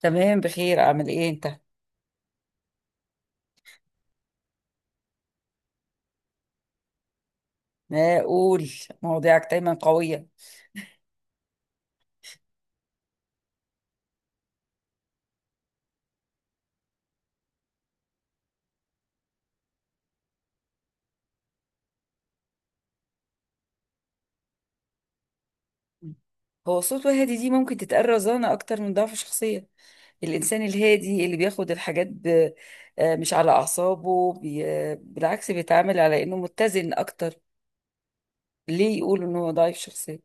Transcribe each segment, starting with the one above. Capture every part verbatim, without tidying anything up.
تمام، بخير. اعمل ايه انت؟ ما اقول، مواضيعك دايما قوية. هو صوت وهادي دي ممكن تتقال رزانة اكتر من ضعف شخصية. الانسان الهادي اللي بياخد الحاجات ب... آه، مش على اعصابه، بي... آه، بالعكس بيتعامل على انه متزن اكتر. ليه يقول ان هو ضعيف شخصية؟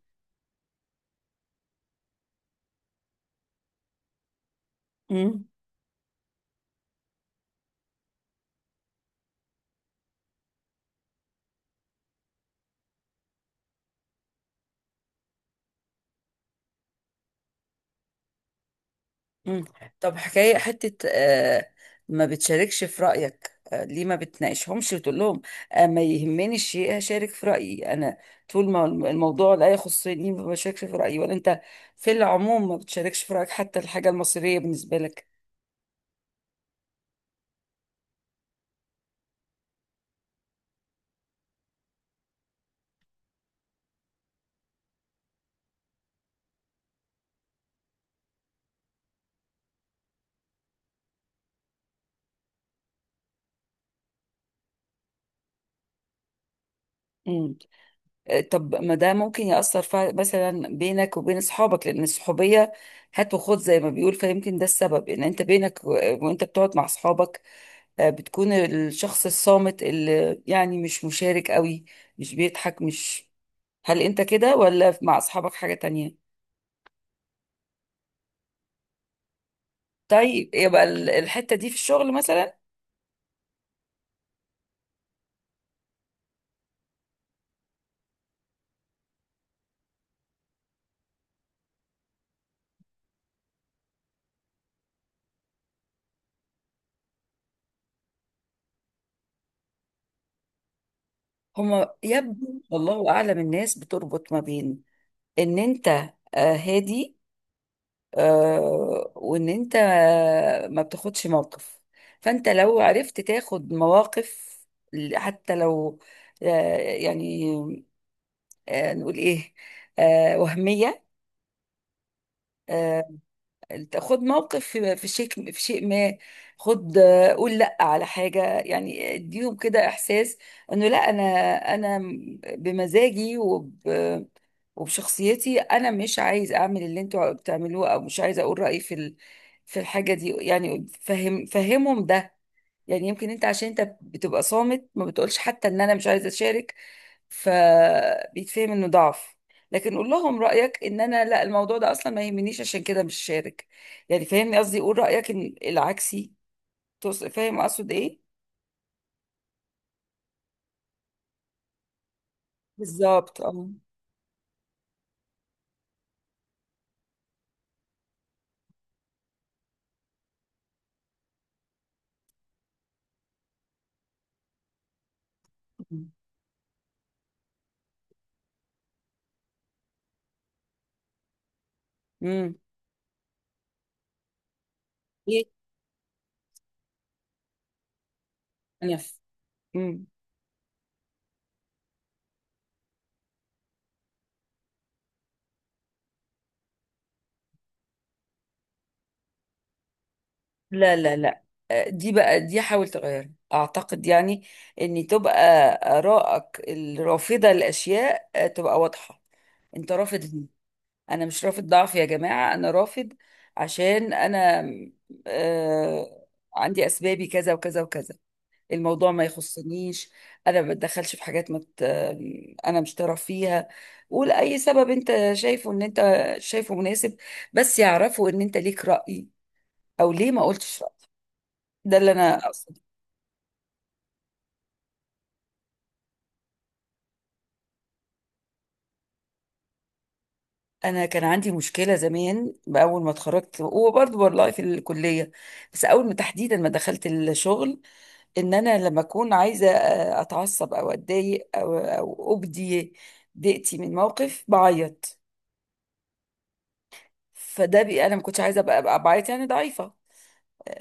مم. طب حكاية حتة آه ما بتشاركش في رأيك، آه ليه ما بتناقشهمش وتقول لهم آه ما يهمني الشيء هشارك في رأيي أنا؟ طول ما الم- الموضوع لا يخصني ما بشاركش في رأيي، ولا أنت في العموم ما بتشاركش في رأيك حتى الحاجة المصيرية بالنسبة لك؟ مم. آه طب ما ده ممكن يأثر فع- مثلا بينك وبين أصحابك، لأن الصحوبية هات وخد زي ما بيقول. فيمكن ده السبب إن أنت بينك و- وأنت بتقعد مع أصحابك آه، بتكون الشخص الصامت اللي يعني مش مشارك قوي، مش بيضحك، مش... هل انت كده ولا مع اصحابك حاجة تانية؟ طيب يبقى ال- الحتة دي في الشغل مثلا. هما يبدو والله اعلم، الناس بتربط ما بين ان انت آه، هادي، آه، وان انت آه، ما بتاخدش موقف. فانت لو عرفت تاخد مواقف، ل- حتى لو آه، يعني آه، نقول ايه، آه، وهمية، آه، خد موقف في في شيء، في شيء ما. خد، آه، قول لا على حاجة. يعني اديهم كده احساس انه لا، انا انا بمزاجي وب وبشخصيتي انا مش عايز اعمل اللي انتوا بتعملوه، او مش عايز اقول رأيي في ال- في الحاجة دي. يعني فهم فهمهم ده. يعني يمكن انت عشان انت بتبقى صامت ما بتقولش حتى ان انا مش عايزة اشارك، فبيتفهم انه ضعف. لكن قول لهم رأيك ان انا لا، الموضوع ده اصلا ما يهمنيش، عشان كده مش شارك. يعني فاهمني قصدي؟ قول رأيك ان العكسي. تقص- فاهم اقصد ايه؟ بالظبط، اه. امم. ايه. نف امم. لا لا لا، آه، دي بقى، دي حاول تغيرها اعتقد. يعني ان تبقى ارائك الرافضه للاشياء آه، تبقى واضحه. انت رافض؟ انا مش رافض ضعف يا جماعة، انا رافض عشان انا آه عندي اسبابي كذا وكذا وكذا. الموضوع ما يخصنيش، انا ما بتدخلش في حاجات ما ت- انا مش طرف فيها. قول اي سبب انت شايفه ان انت شايفه مناسب، بس يعرفوا ان انت ليك رأي، او ليه ما قلتش رأي. ده اللي انا اقصده. انا كان عندي مشكله زمان، باول ما اتخرجت، وبرضه والله في الكليه، بس اول ما تحديدا ما دخلت الشغل. ان انا لما اكون عايزه آه، اتعصب او اتضايق او او ابدي ضيقتي من موقف بعيط. فده بي انا ما كنتش عايزه ابقى أبقى بعيط، يعني ضعيفه.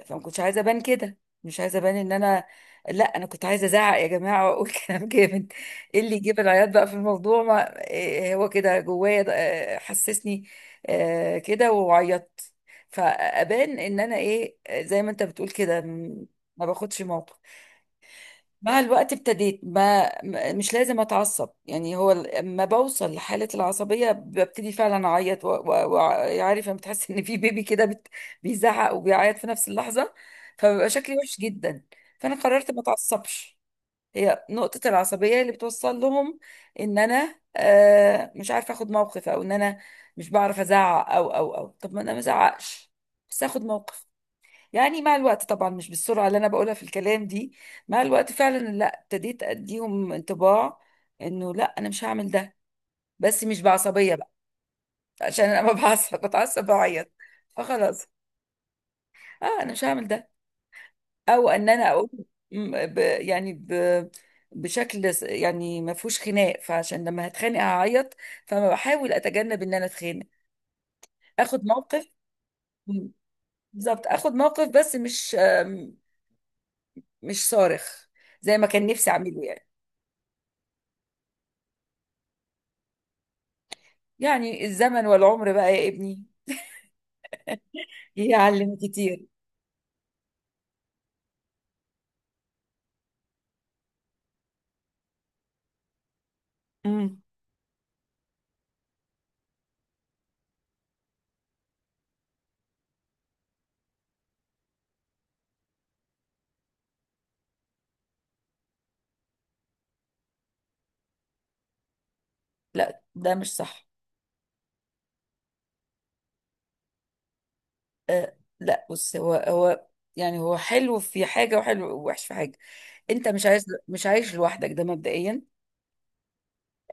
فما كنتش عايزه ابان كده. مش عايزه ابان ان انا... لا، انا كنت عايزه ازعق يا جماعه، واقول كلام جامد. ايه اللي يجيب العياط بقى في الموضوع؟ ما إيه هو كده، جوايا ده آه، حسسني آه، كده وعيطت. فابان ان انا ايه، آه، زي ما انت بتقول كده، م- ما باخدش موقف. مع الوقت ابتديت ما ما- مش لازم اتعصب. يعني هو لما بوصل لحالة العصبية ببتدي فعلا اعيط، وعارف لما بتحس ان في بيبي كده بت- بيزعق وبيعيط في نفس اللحظة، فبيبقى شكلي وحش جدا. فانا قررت ما اتعصبش. هي نقطة العصبية اللي بتوصل لهم ان انا آه، مش عارفة اخد موقف، او ان انا مش بعرف ازعق. او او او طب ما انا ما ازعقش بس اخد موقف. يعني مع الوقت طبعا مش بالسرعة اللي أنا بقولها في الكلام دي، مع الوقت فعلا لا ابتديت أديهم انطباع إنه لا، أنا مش هعمل ده. بس مش بعصبية بقى، عشان أنا ما بعصب بتعصب بعيط. فخلاص، أه أنا مش هعمل ده. أو إن أنا أقول م- ب يعني ب بشكل س- يعني ما فيهوش خناق، فعشان لما هتخانق هعيط، فما بحاول أتجنب إن أنا أتخانق. آخد موقف. بالظبط، آخد موقف، بس مش آم، مش صارخ زي ما كان نفسي أعمله يعني. يعني الزمن والعمر بقى يا ابني يعلم كتير. امم. لا، ده مش صح. أه لا، بص، هو هو يعني هو حلو في حاجة، وحلو ووحش في حاجة. انت مش عايز، مش عايش لوحدك ده مبدئيا.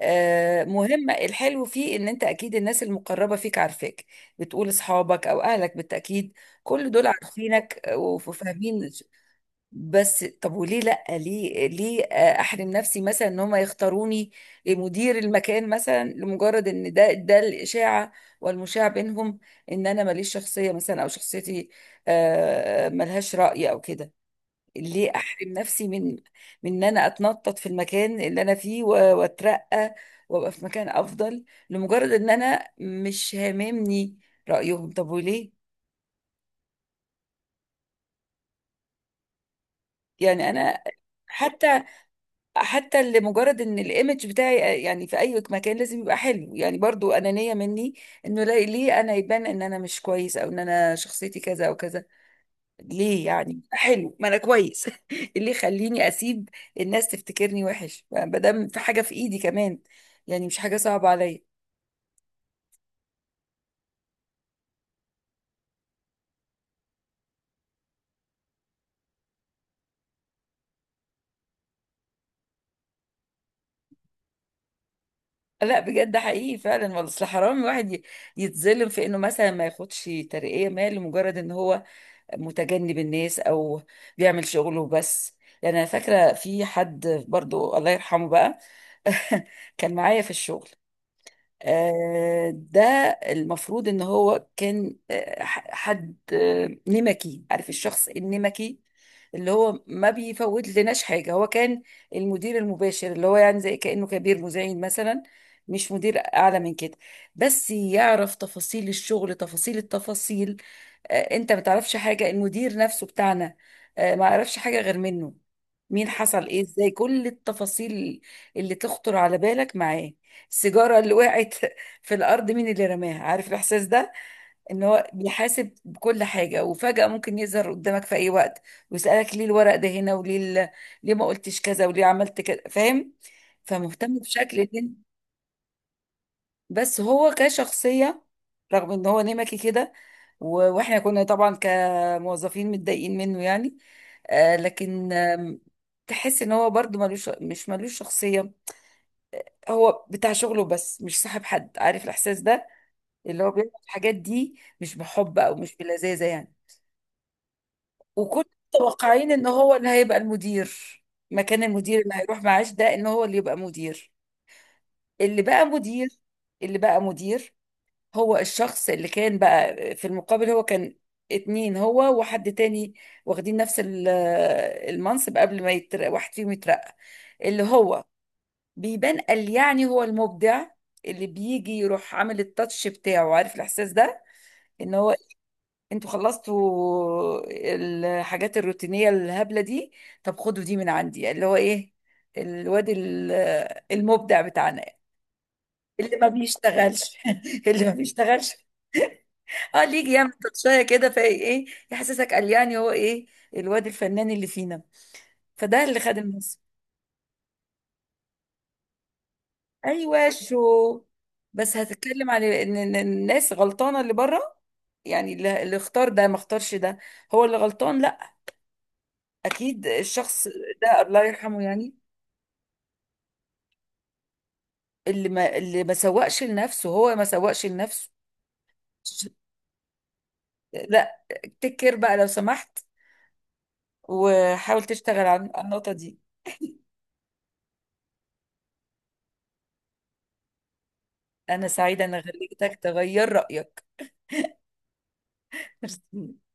أه، مهم الحلو فيه ان انت اكيد الناس المقربة فيك عارفاك. بتقول اصحابك او اهلك بالتأكيد، كل دول عارفينك وفاهمين. بس طب وليه لا؟ ليه ليه احرم نفسي مثلا ان هم يختاروني مدير المكان، مثلا لمجرد ان ده ده الاشاعه والمشاع بينهم ان انا ماليش شخصيه، مثلا او شخصيتي آه، ملهاش راي او كده. ليه احرم نفسي من من ان انا اتنطط في المكان اللي انا فيه و- واترقى، وابقى في مكان افضل، لمجرد ان انا مش هاممني رايهم. طب وليه؟ يعني انا حتى، حتى لمجرد ان الايمج بتاعي يعني في اي مكان لازم يبقى حلو، يعني برضو انانية مني، انه لا- ليه انا يبان ان انا مش كويس، او ان انا شخصيتي كذا او كذا. ليه؟ يعني حلو ما انا كويس اللي يخليني اسيب الناس تفتكرني وحش ما دام في حاجة في ايدي كمان؟ يعني مش حاجة صعبة عليا. لا بجد، حقيقي فعلا والله. اصل حرام الواحد ي- يتظلم في انه مثلا ما ياخدش ترقية ما، لمجرد ان هو متجنب الناس او بيعمل شغله بس. يعني انا فاكره في حد برضو، الله يرحمه بقى كان معايا في الشغل آه، ده. المفروض ان هو كان آه، ح- حد آه، نمكي. عارف الشخص النمكي اللي هو ما بيفوت لناش حاجه؟ هو كان المدير المباشر اللي هو يعني زي كانه كبير مزعين مثلا، مش مدير اعلى من كده، بس يعرف تفاصيل الشغل، تفاصيل التفاصيل. آه، انت ما تعرفش حاجه، المدير نفسه بتاعنا آه، ما يعرفش حاجه غير منه. مين حصل ايه ازاي، كل التفاصيل اللي تخطر على بالك معاه. السيجاره اللي وقعت في الارض مين اللي رماها. عارف الاحساس ده؟ ان هو بيحاسب بكل حاجه، وفجاه ممكن يظهر قدامك في اي وقت ويسالك ليه الورق ده هنا، وليه ال- ليه ما قلتش كذا، وليه عملت كذا. فاهم؟ فمهتم بشكل ان... بس هو كشخصية، رغم ان هو نمكي كده، و- واحنا كنا طبعا كموظفين متضايقين منه يعني، آه، لكن آم، تحس ان هو برضو ملوش، مش ملوش شخصية. هو بتاع شغله بس، مش صاحب حد. عارف الاحساس ده، اللي هو بيعمل الحاجات دي مش بحب او مش بلذاذة يعني. وكنا متوقعين ان هو اللي هيبقى المدير مكان المدير اللي هيروح معاش ده، ان هو اللي يبقى مدير. اللي بقى مدير اللي بقى مدير هو الشخص اللي كان بقى في المقابل. هو كان اتنين، هو وحد تاني، واخدين نفس ال- المنصب قبل ما يترقى واحد فيهم. يترقى اللي هو بيبان قال يعني هو المبدع، اللي بيجي يروح عامل التاتش بتاعه. عارف الاحساس ده ان هو... انتوا خلصتوا الحاجات الروتينيه الهبله دي، طب خدوا دي من عندي اللي هو ايه الواد ال- المبدع بتاعنا اللي ما بيشتغلش اللي ما بيشتغلش، اه ليك يعمل تاتشايه كده، فايه ايه، يحسسك قال يعني هو ايه الواد الفنان اللي فينا. فده اللي خد الناس. ايوه شو. بس هتتكلم عن ان إن الناس غلطانه اللي بره، يعني اللي اللي اختار ده ما اختارش ده، هو اللي غلطان. لا، اكيد الشخص ده الله يرحمه يعني، اللي ما اللي ما سوقش لنفسه، هو ما سوقش لنفسه. ش- لا، تكر بقى لو سمحت، وحاول تشتغل على على النقطه دي. انا سعيده ان خليتك تغير رايك.